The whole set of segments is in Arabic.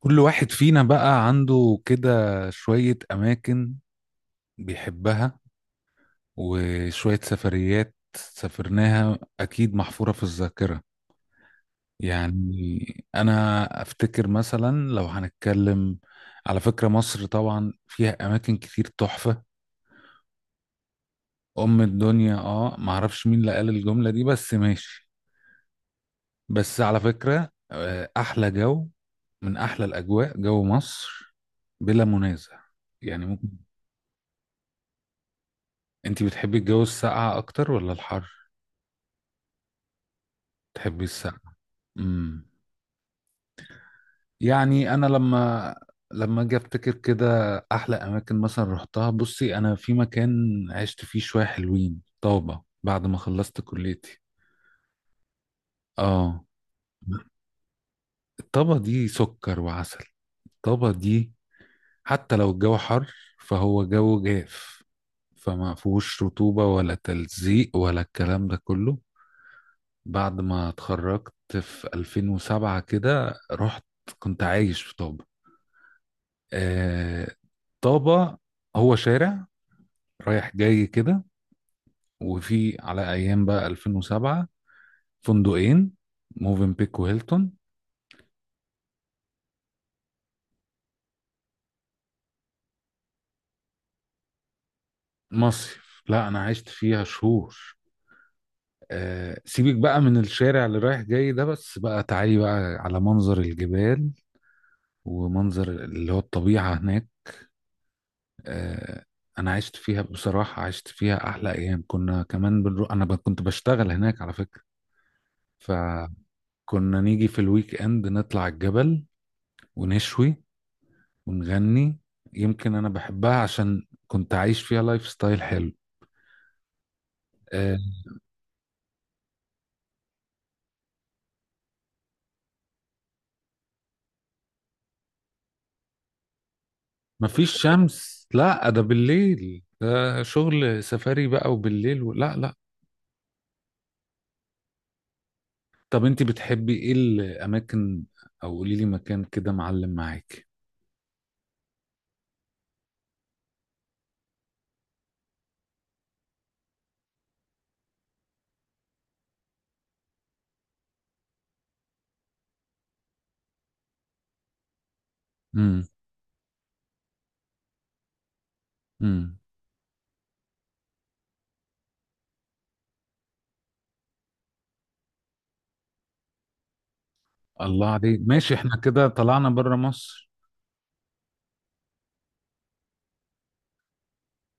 كل واحد فينا بقى عنده كده شوية أماكن بيحبها وشوية سفريات سافرناها أكيد محفورة في الذاكرة. يعني أنا أفتكر مثلا لو هنتكلم على فكرة مصر طبعا فيها أماكن كتير تحفة. أم الدنيا، آه، معرفش مين اللي قال الجملة دي بس ماشي. بس على فكرة، أحلى جو من أحلى الأجواء جو مصر بلا منازع. يعني ممكن انت بتحبي الجو الساقعة اكتر ولا الحر؟ بتحبي الساقعة؟ امم يعني انا لما اجي افتكر كده احلى اماكن مثلا رحتها. بصي، انا في مكان عشت فيه شوية حلوين، طابة، بعد ما خلصت كليتي. اه. الطابة دي سكر وعسل. الطابة دي حتى لو الجو حر فهو جو جاف، فما فيهوش رطوبة ولا تلزيق ولا الكلام ده كله. بعد ما اتخرجت في 2007 كده رحت، كنت عايش في طابة. آه، طابة. هو شارع رايح جاي كده، وفي على أيام بقى 2007 فندقين، موفن بيك وهيلتون. مصيف؟ لا، أنا عشت فيها شهور. آه، سيبك بقى من الشارع اللي رايح جاي ده، بس بقى تعالي بقى على منظر الجبال ومنظر اللي هو الطبيعة هناك. آه، انا عشت فيها بصراحه، عشت فيها احلى ايام. كنا كمان بنروح، انا كنت بشتغل هناك على فكره. فكنا نيجي في الويك اند نطلع الجبل ونشوي ونغني. يمكن انا بحبها عشان كنت عايش فيها لايف ستايل حلو. آه، مفيش شمس، لا، ده بالليل، ده شغل سفاري بقى، وبالليل لا، لا. طب انت بتحبي ايه الاماكن؟ او قولي لي مكان كده معلم معاك. امم الله عليك، ماشي، احنا كده طلعنا بره مصر.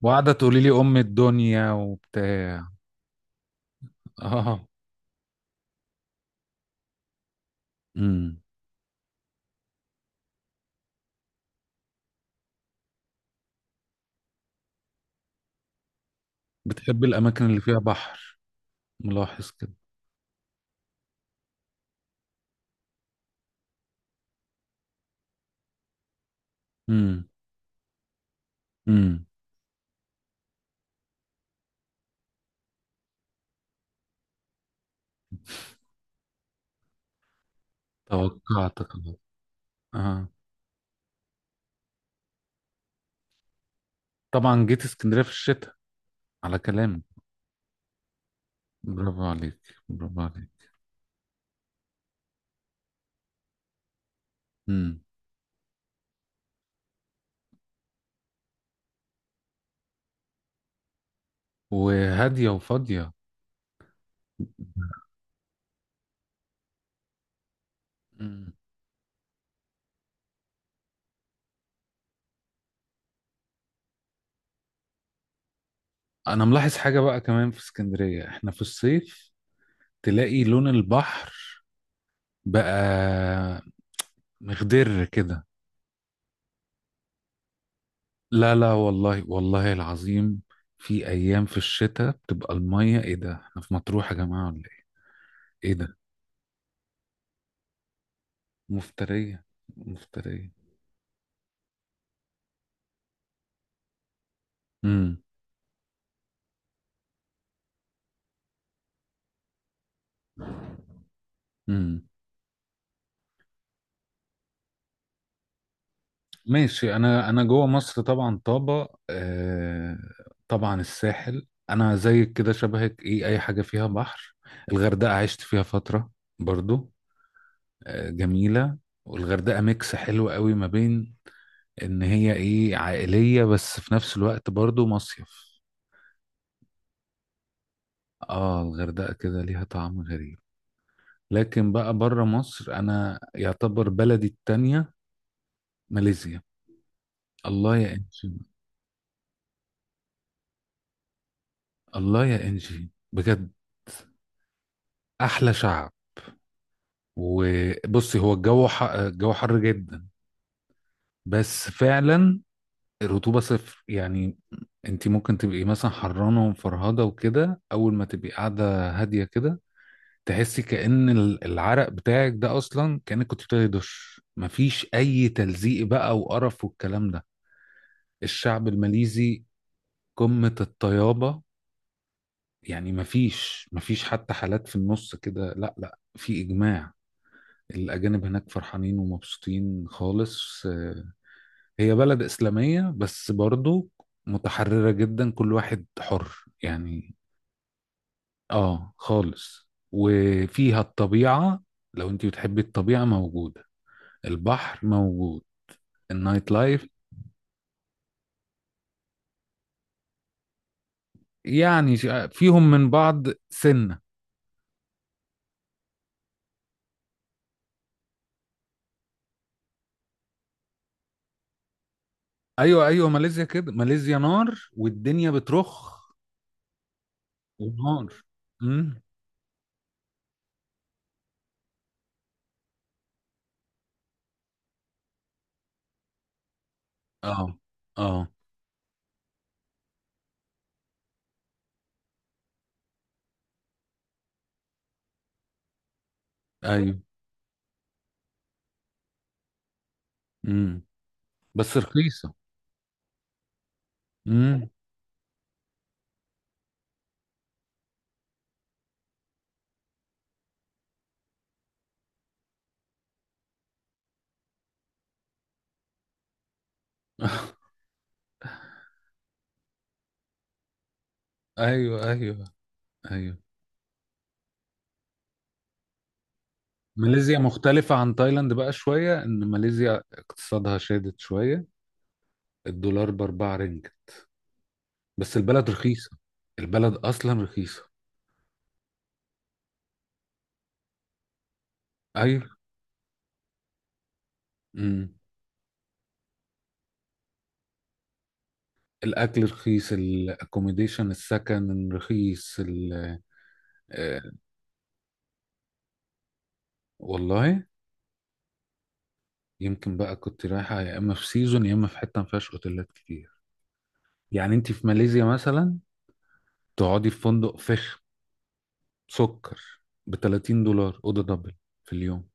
وقاعدة تقولي لي أم الدنيا وبتاع. اه. امم بتحب الأماكن اللي فيها بحر؟ ملاحظ كده. امم امم توقعتك. اه. طبعا جيت اسكندرية في الشتاء، على كلامك. برافو عليك. برافو عليك. امم وهادية وفاضية. مم. انا ملاحظ حاجة بقى كمان في اسكندرية احنا في الصيف تلاقي لون البحر بقى مخضر كده. لا، لا، والله، والله العظيم، في ايام في الشتاء بتبقى الميه، ايه ده؟ احنا في مطروح يا جماعه ولا ايه؟ ايه ده؟ مفتريه. مفتريه. امم امم ماشي، انا جوه مصر طبعا طابه، آه. طبعا الساحل، انا زيك كده شبهك، ايه اي حاجه فيها بحر. الغردقه عشت فيها فتره برضو. آه، جميله. والغردقه ميكس حلو قوي ما بين ان هي ايه عائليه بس في نفس الوقت برضو مصيف. اه، الغردقة كده ليها طعم غريب. لكن بقى بره مصر، انا يعتبر بلدي التانية ماليزيا. الله يا انجي. الله يا انجي بجد. احلى شعب. وبصي، هو الجو الجو حر جدا، بس فعلا الرطوبة صفر يعني. انت ممكن تبقي مثلا حرانة ومفرهدة وكده، اول ما تبقي قاعدة هادية كده تحسي كأن العرق بتاعك ده اصلا كأنك كنت بتاخدي دش، مفيش اي تلزيق بقى وقرف والكلام ده. الشعب الماليزي قمة الطيابة. يعني مفيش حتى حالات في النص كده، لا، لا، في إجماع. الأجانب هناك فرحانين ومبسوطين خالص. آه، هي بلد إسلامية بس برضو متحررة جدا، كل واحد حر يعني. آه، خالص، وفيها الطبيعة. لو أنت بتحبي الطبيعة موجودة، البحر موجود، النايت لايف. يعني فيهم من بعض سن. ايوه، ايوه، ماليزيا كده، ماليزيا نار والدنيا بترخ ونار. امم اه، اه، ايوه. امم بس رخيصه. امم ايوه، ايوه، ايوه. ماليزيا مختلفة عن تايلاند بقى شوية، إن ماليزيا اقتصادها شادد شوية، الدولار بأربعة رينج، بس البلد رخيصة، البلد أصلا رخيصة. أيوة. امم الأكل رخيص، الأكوميديشن السكن رخيص، آه، والله يمكن بقى كنت رايحة يا إما في سيزون يا إما في حتة ما فيهاش أوتيلات كتير. يعني أنت في ماليزيا مثلا تقعدي في فندق فخم سكر ب $30 أوضة دبل في اليوم،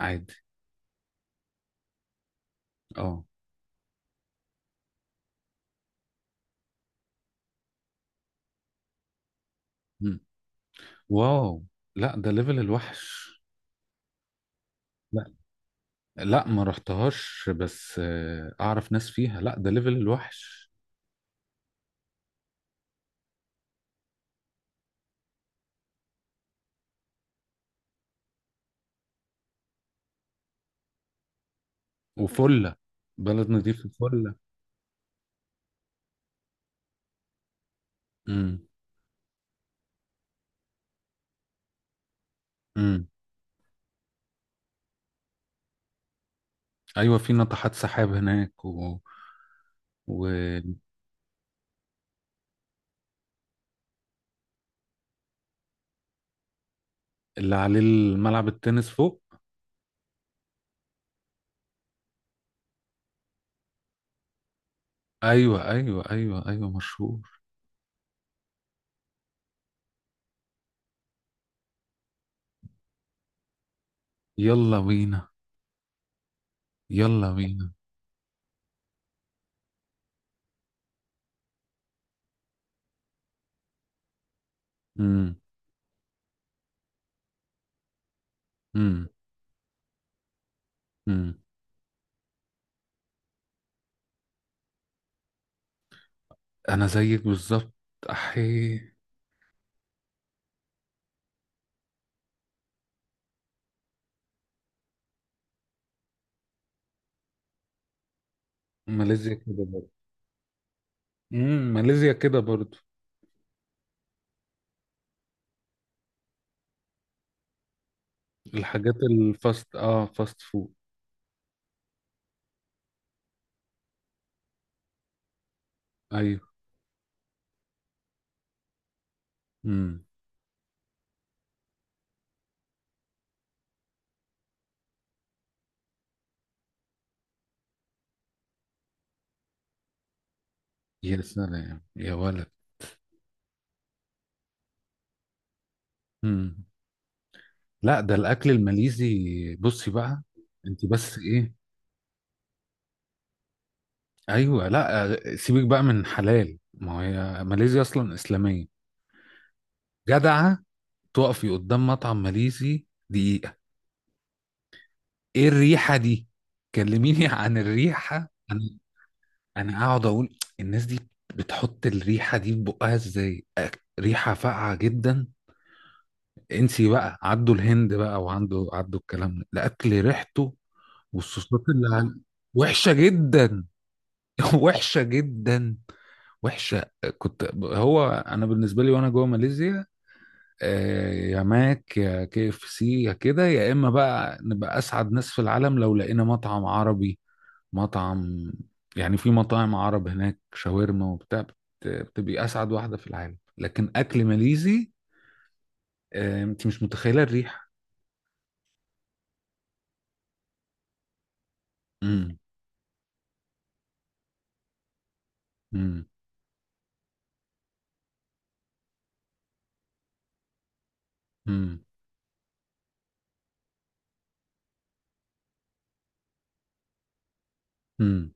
عادي. أه. مم. واو. لا، ده ليفل الوحش. لا، لا، ما رحتهاش بس أعرف ناس فيها. لا، ده ليفل الوحش. وفلة. بلد نضيف فلة. امم امم أيوة، في ناطحات سحاب هناك واللي عليه الملعب التنس فوق. ايوه، ايوه، ايوه، ايوه، مشهور. يلا بينا. يلا بينا. امم امم امم انا زيك بالظبط. احي. ماليزيا كده برضه. ماليزيا كده برضه. الحاجات الفاست اه فاست فود. ايوه. امم يا سلام يا ولد. امم لا، ده الاكل الماليزي. بصي بقى، انت بس ايه. ايوه، لا، سيبك بقى من حلال، ما هي ماليزيا اصلا اسلاميه. جدعه. تقفي قدام مطعم ماليزي دي، ايه الريحة دي؟ كلميني عن الريحة انا. انا اقعد اقول الناس دي بتحط الريحة دي في بقها ازاي؟ ريحة فاقعة جدا. انسي بقى عدوا الهند بقى وعنده عدوا الكلام ده، الاكل ريحته والصوصات اللي على وحشة جدا. وحشة جدا. وحشة. كنت، هو انا بالنسبة لي وانا جوه ماليزيا، يا ماك يا كي اف سي يا كده، يا اما بقى نبقى اسعد ناس في العالم لو لقينا مطعم عربي، مطعم. يعني في مطاعم عرب هناك شاورما وبتاع بتبقي اسعد واحده في العالم، لكن اكل ماليزي، انت مش متخيله الريحه. امم امم امم امم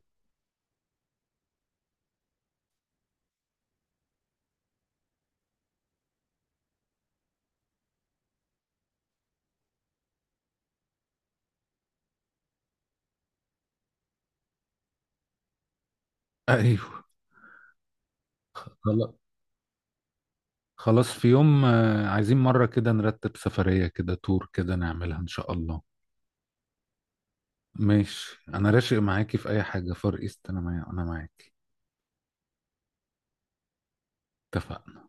ايوه. خلاص. خلاص، في يوم، عايزين مره كده نرتب سفريه كده، تور كده، نعملها ان شاء الله. ماشي، انا راشق معاكي في اي حاجه فار ايست، انا معايا انا معاكي. اتفقنا.